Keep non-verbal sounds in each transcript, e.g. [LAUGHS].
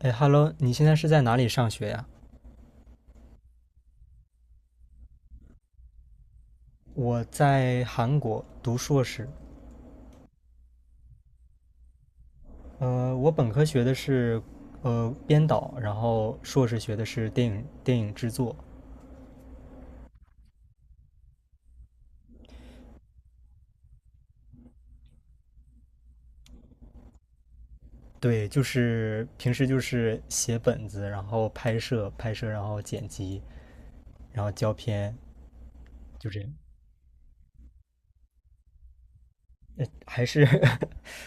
哎，Hello，你现在是在哪里上学呀？我在韩国读硕士，我本科学的是编导，然后硕士学的是电影制作。对，就是平时就是写本子，然后拍摄，然后剪辑，然后胶片，就这样。还是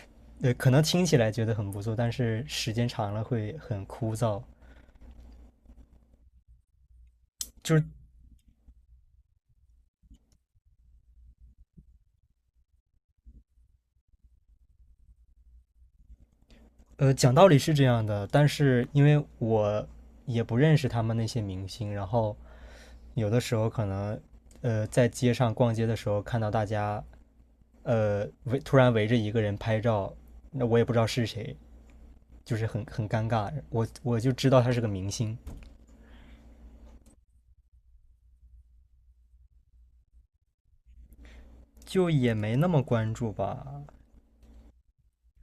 [LAUGHS] 可能听起来觉得很不错，但是时间长了会很枯燥。就是讲道理是这样的，但是因为我也不认识他们那些明星，然后有的时候可能，在街上逛街的时候看到大家，突然围着一个人拍照，那我也不知道是谁，就是很尴尬。我就知道他是个明星，就也没那么关注吧。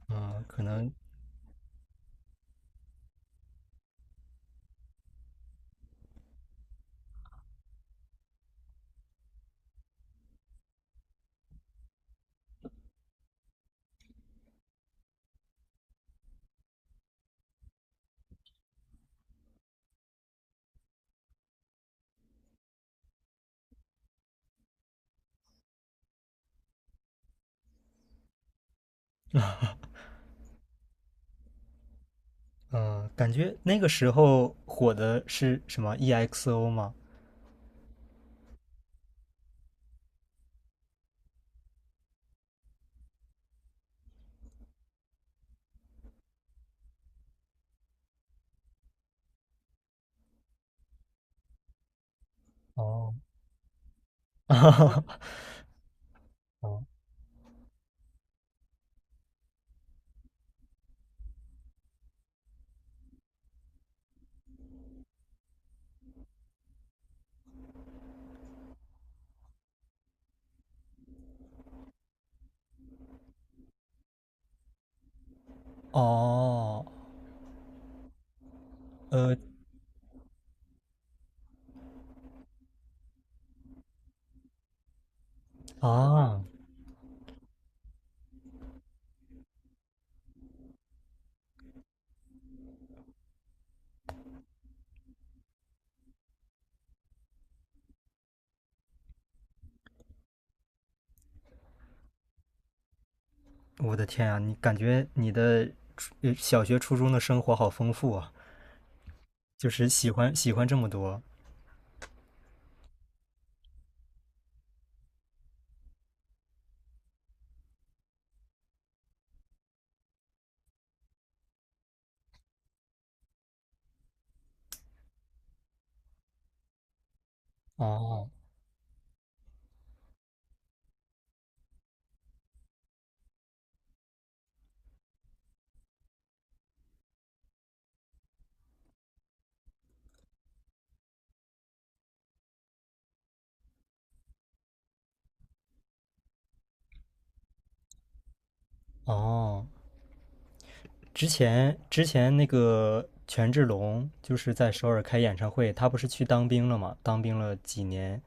嗯、可能嗯、感觉那个时候火的是什么 EXO 吗？哦，[LAUGHS] 哦，哦，呃啊。我的天啊，你感觉你的小学、初中的生活好丰富啊，就是喜欢这么多。哦哦，之前那个权志龙就是在首尔开演唱会，他不是去当兵了嘛？当兵了几年，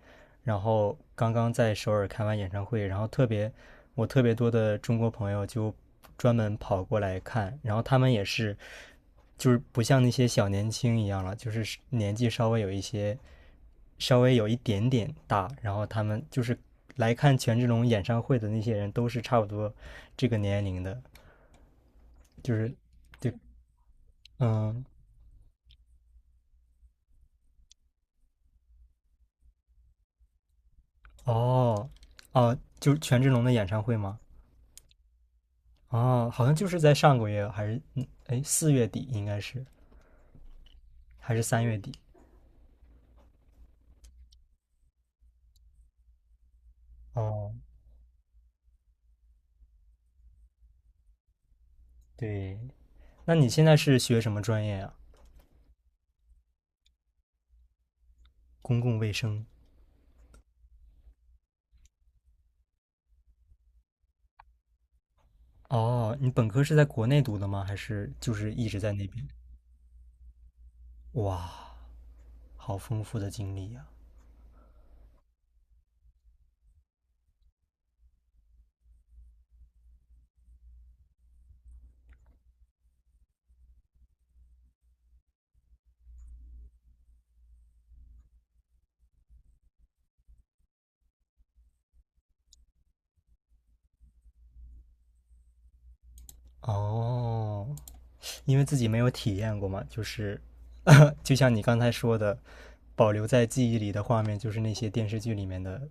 然后刚刚在首尔开完演唱会，然后特别我特别多的中国朋友就专门跑过来看，然后他们也是就是不像那些小年轻一样了，就是年纪稍微有一点点大，然后他们就是来看权志龙演唱会的那些人都是差不多这个年龄的，就是。对，嗯，哦，哦，就是权志龙的演唱会吗？哦，好像就是在上个月，还是嗯，哎，四月底应该是，还是三月底？哦，对，那你现在是学什么专业呀？公共卫生。哦，你本科是在国内读的吗？还是就是一直在那边？哇，好丰富的经历呀！哦，因为自己没有体验过嘛，就是，[LAUGHS] 就像你刚才说的，保留在记忆里的画面就是那些电视剧里面的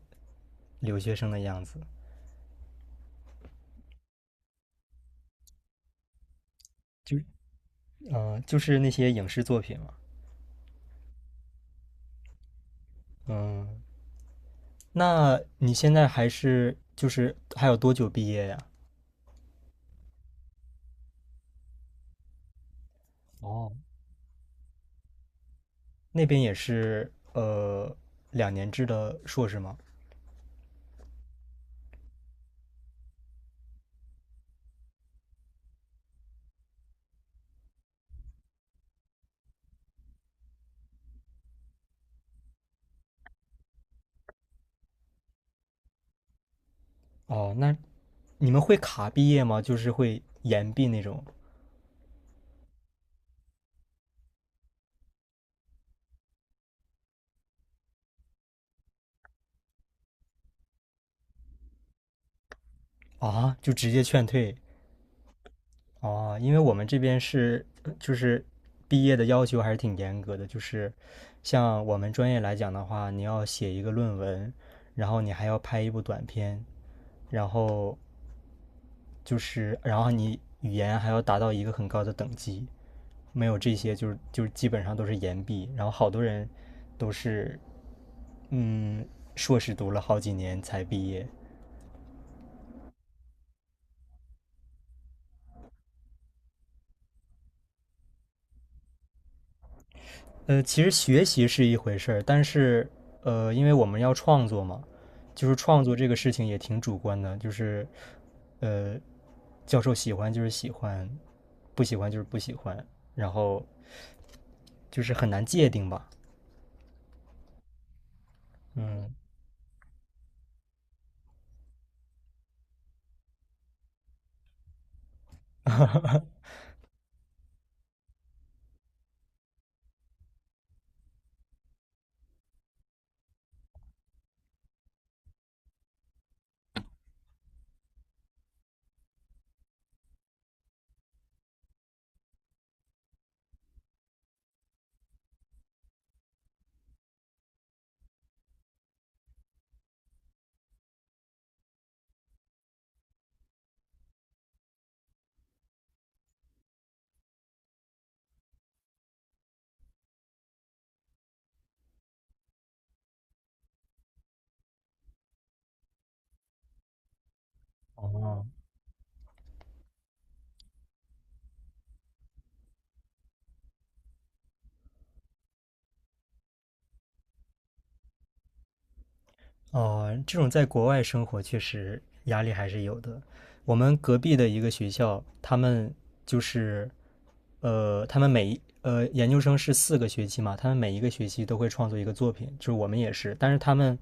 留学生的样子，就就是那些影视作品嘛。那你现在还是就是还有多久毕业呀？哦，那边也是两年制的硕士吗？哦，那你们会卡毕业吗？就是会延毕那种啊？就直接劝退啊？因为我们这边是就是毕业的要求还是挺严格的，就是像我们专业来讲的话，你要写一个论文，然后你还要拍一部短片，然后就是，然后你语言还要达到一个很高的等级，没有这些就是基本上都是延毕，然后好多人都是嗯硕士读了好几年才毕业。其实学习是一回事儿，但是因为我们要创作嘛，就是创作这个事情也挺主观的，就是呃，教授喜欢就是喜欢，不喜欢就是不喜欢，然后就是很难界定吧，嗯。[LAUGHS] 哦，哦，这种在国外生活确实压力还是有的。我们隔壁的一个学校，他们就是呃，他们每一呃研究生是四个学期嘛，他们每一个学期都会创作一个作品，就是我们也是。但是他们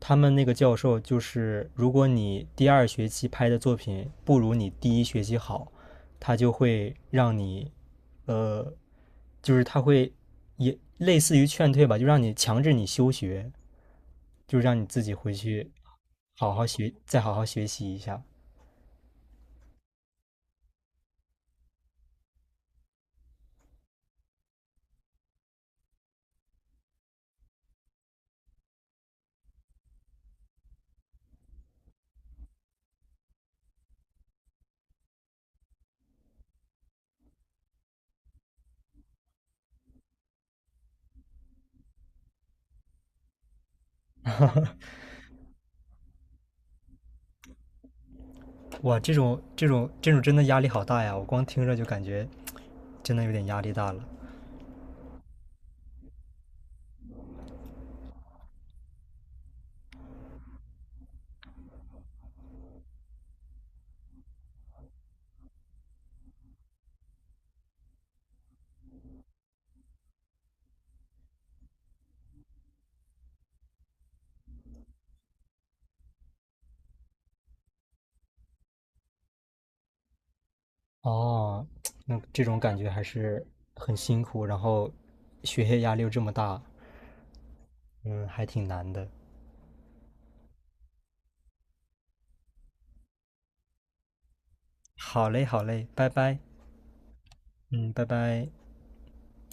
他们那个教授就是，如果你第二学期拍的作品不如你第一学期好，他就会让你呃，他会也类似于劝退吧，就让你强制你休学。就让你自己回去好好学，再好好学习一下。哇，这种真的压力好大呀！我光听着就感觉真的有点压力大了。哦，那这种感觉还是很辛苦，然后学业压力又这么大，嗯，还挺难的。好嘞，好嘞，拜拜，嗯，拜拜。